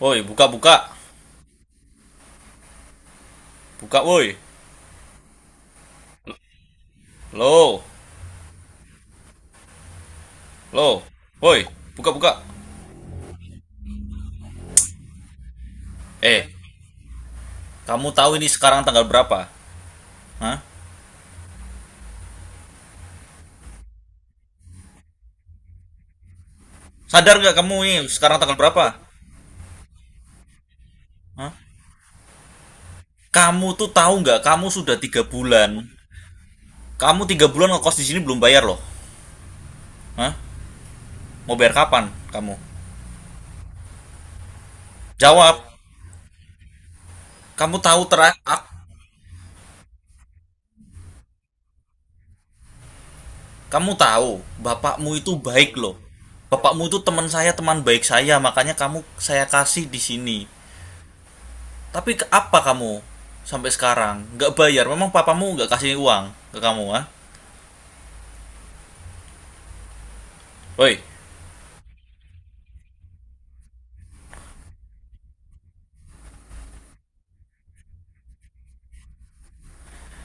Woi, buka buka. Buka woi. Lo, lo. Woi, buka buka. Eh, kamu tahu ini sekarang tanggal berapa? Hah? Sadar nggak kamu ini sekarang tanggal berapa? Hah? Kamu tuh tahu nggak kamu sudah 3 bulan. Kamu 3 bulan ngekos di sini belum bayar loh. Hah? Mau bayar kapan kamu? Jawab. Kamu tahu terak kamu tahu bapakmu itu baik loh. Bapakmu itu teman saya, teman baik saya, makanya kamu saya kasih di sini. Tapi apa kamu sampai sekarang nggak bayar? Memang papamu nggak kasih uang ke kamu, ah? Woi,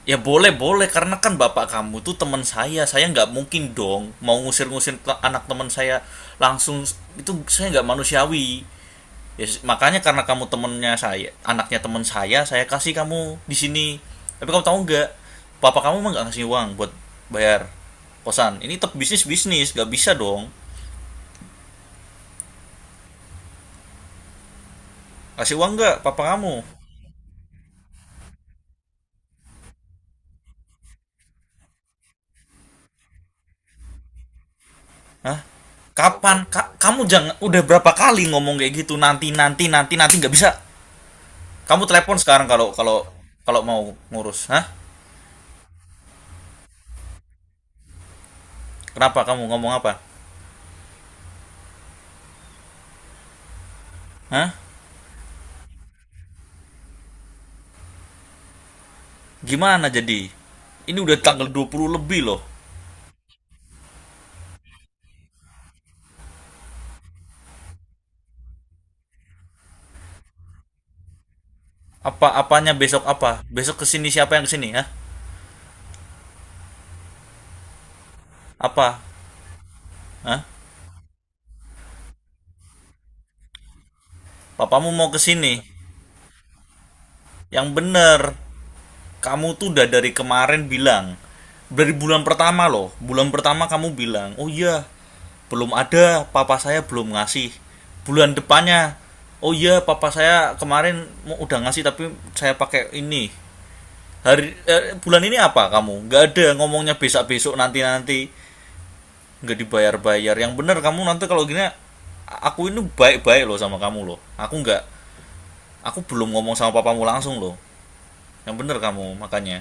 ya boleh boleh karena kan bapak kamu tuh teman saya. Saya nggak mungkin dong mau ngusir-ngusir anak teman saya langsung itu saya nggak manusiawi. Ya, makanya karena kamu temennya saya, anaknya teman saya kasih kamu di sini. Tapi kamu tahu nggak, papa kamu emang nggak ngasih uang buat bayar kosan. Ini tetap bisnis bisnis, nggak bisa dong. Kasih uang nggak, papa kamu? Hah? Kapan? Kamu jangan udah berapa kali ngomong kayak gitu nanti nanti nanti nanti nggak bisa. Kamu telepon sekarang kalau kalau kalau mau ngurus, hah? Kenapa kamu ngomong apa? Hah? Gimana jadi? Ini udah tanggal 20 lebih loh. Apa-apanya besok apa? Besok kesini siapa yang kesini, hah? Apa? Hah? Papamu mau kesini? Yang bener. Kamu tuh udah dari kemarin bilang dari bulan pertama loh, bulan pertama kamu bilang oh iya belum ada, papa saya belum ngasih. Bulan depannya oh iya papa saya kemarin udah ngasih tapi saya pakai ini hari bulan ini. Apa kamu nggak ada ngomongnya besok besok nanti nanti, nggak dibayar bayar. Yang bener kamu, nanti kalau gini aku ini baik baik loh sama kamu loh. Aku nggak, aku belum ngomong sama papamu langsung loh. Yang bener kamu, makanya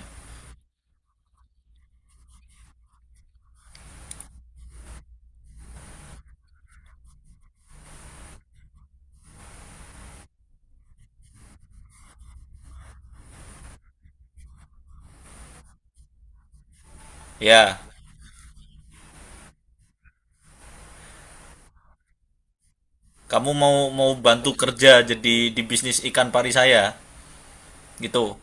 ya. Kamu mau mau bantu kerja jadi di bisnis ikan pari saya gitu,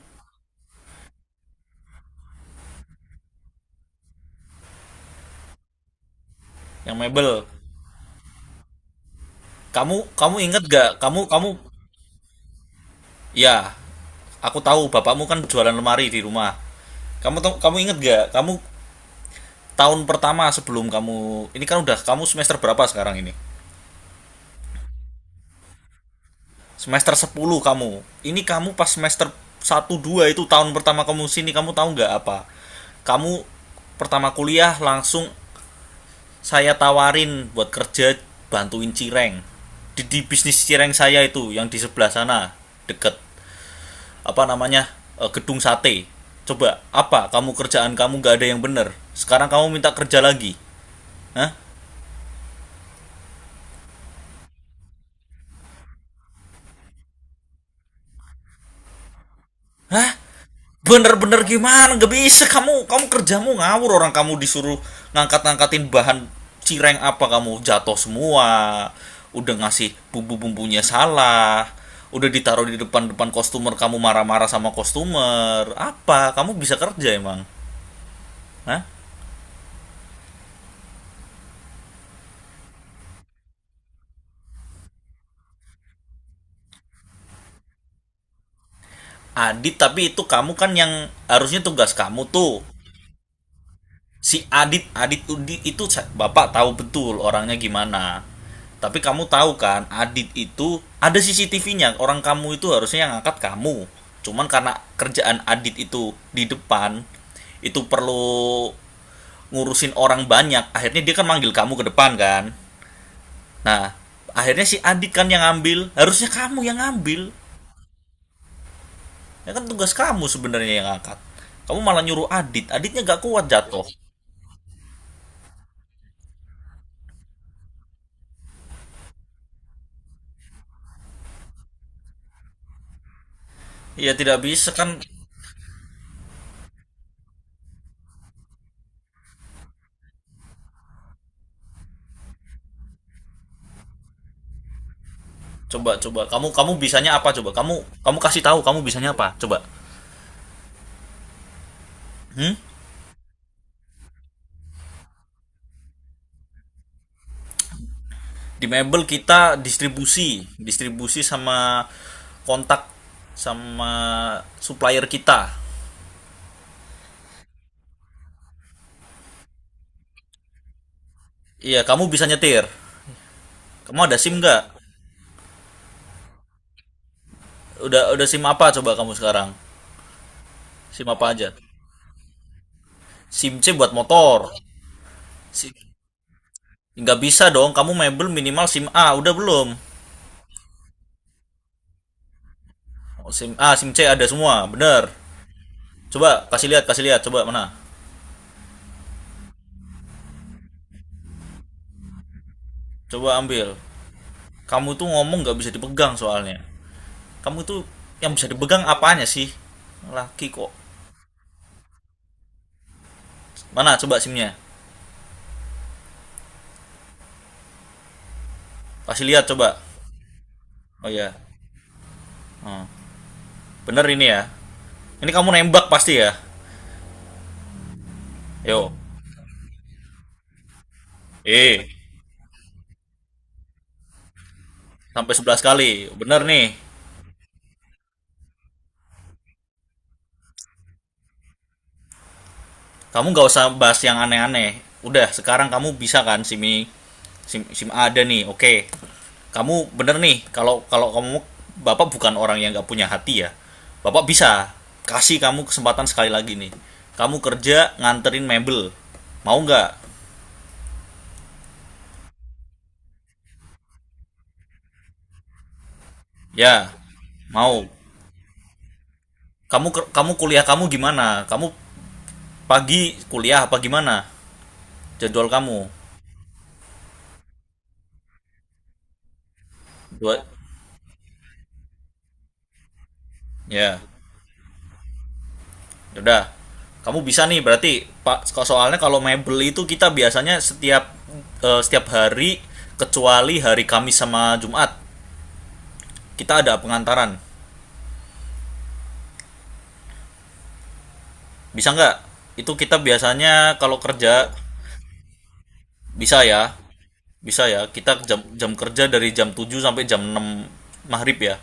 yang mebel. Kamu kamu inget gak kamu kamu, ya? Aku tahu bapakmu kan jualan lemari di rumah. Kamu inget gak kamu tahun pertama sebelum kamu ini kan udah, kamu semester berapa sekarang ini? semester 10. Kamu ini kamu pas semester satu dua, itu tahun pertama kamu sini, kamu tahu nggak apa, kamu pertama kuliah langsung saya tawarin buat kerja bantuin cireng di bisnis cireng saya itu yang di sebelah sana, deket apa namanya gedung sate. Coba apa, kamu kerjaan kamu nggak ada yang bener sekarang kamu minta kerja lagi, hah? Hah? Bener-bener gimana gak bisa kamu, kerjamu ngawur. Orang kamu disuruh ngangkat-ngangkatin bahan cireng apa kamu jatuh semua, udah ngasih bumbu-bumbunya salah, udah ditaruh di depan-depan kostumer kamu marah-marah sama kostumer. Apa kamu bisa kerja emang? Hah? Adit, tapi itu kamu kan yang harusnya, tugas kamu tuh. Si Adit Adit itu bapak tahu betul orangnya gimana. Tapi kamu tahu kan Adit itu ada CCTV-nya. Orang kamu itu harusnya yang angkat kamu, cuman karena kerjaan Adit itu di depan, itu perlu ngurusin orang banyak, akhirnya dia kan manggil kamu ke depan kan. Nah, akhirnya si Adit kan yang ngambil, harusnya kamu yang ngambil. Ya kan tugas kamu sebenarnya yang angkat, kamu malah nyuruh Adit. Aditnya gak kuat jatuh. Ya tidak bisa kan. Coba coba, kamu kamu bisanya apa coba? Kamu kamu kasih tahu kamu bisanya apa? Coba. Hmm? Di Mebel kita distribusi, distribusi sama kontak sama supplier kita. Iya, kamu bisa nyetir. Kamu ada SIM nggak? Udah SIM apa coba kamu sekarang? SIM apa aja? SIM C buat motor. SIM nggak bisa dong, kamu Mebel minimal SIM A, udah belum? Oh, SIM A, SIM C ada semua, bener. Coba kasih lihat, coba mana? Coba ambil. Kamu tuh ngomong nggak bisa dipegang soalnya. Kamu tuh yang bisa dipegang apanya sih? Laki kok. Mana coba simnya? Kasih lihat coba. Oh ya. Hmm. Bener ini ya. Ini kamu nembak pasti ya. Yo. Eh, sampai 11 kali. Bener nih. Kamu gak usah bahas yang aneh-aneh. Udah sekarang kamu bisa kan sim ini, sim sim ada nih, oke. Okay, kamu bener nih. Kalau kalau kamu, bapak bukan orang yang gak punya hati ya, bapak bisa kasih kamu kesempatan sekali lagi nih. Kamu kerja nganterin mebel, mau nggak? Ya mau. Kamu kamu kuliah kamu gimana, kamu pagi kuliah apa gimana jadwal kamu? Dua, ya. Yaudah, kamu bisa nih berarti Pak soalnya kalau mebel itu kita biasanya setiap setiap hari kecuali hari Kamis sama Jumat kita ada pengantaran. Bisa nggak? Itu kita biasanya kalau kerja bisa ya. Bisa ya. Kita jam jam kerja dari jam 7 sampai jam 6 maghrib ya.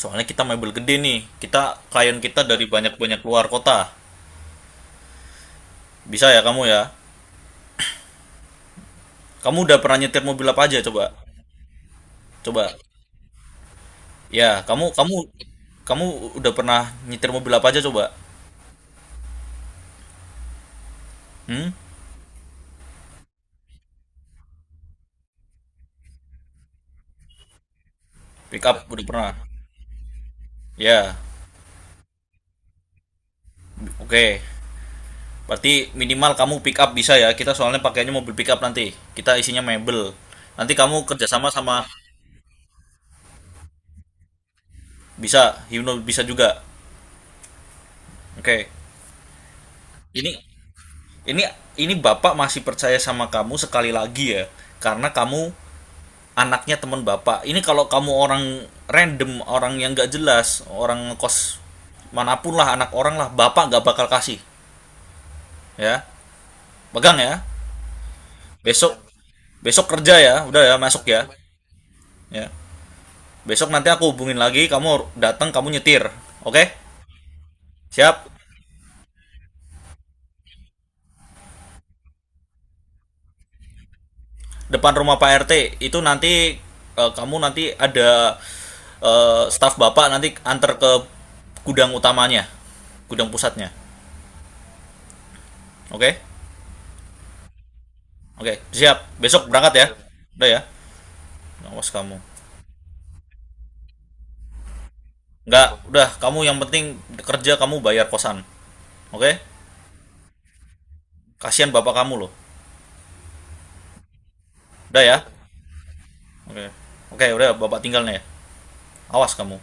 Soalnya kita mebel gede nih. Kita klien kita dari banyak-banyak luar kota. Bisa ya? Kamu udah pernah nyetir mobil apa aja coba? Coba. Ya, kamu kamu kamu udah pernah nyetir mobil apa aja coba? Hmm? Pick up udah pernah. Ya, oke. Berarti minimal kamu pick up bisa ya. Kita soalnya pakainya mobil pick up nanti. Kita isinya mebel. Nanti kamu kerjasama sama bisa, Himno bisa juga. Oke. Ini ini ini bapak masih percaya sama kamu sekali lagi ya, karena kamu anaknya teman bapak. Ini kalau kamu orang random, orang yang gak jelas, orang kos manapun lah, anak orang lah, bapak gak bakal kasih. Ya, pegang ya. Besok, besok kerja ya, udah ya, masuk ya. Ya besok nanti aku hubungin lagi, kamu datang kamu nyetir. Oke, siap. Depan rumah pak RT itu nanti, kamu nanti ada staf bapak nanti antar ke gudang utamanya, gudang pusatnya. Oke. Oke, siap besok berangkat ya. Udah ya, awas kamu. Nggak, udah kamu yang penting kerja kamu, bayar kosan. Oke, kasihan bapak kamu loh. Udah ya. Oke, okay. Oke, okay, udah Bapak tinggal nih. Awas kamu.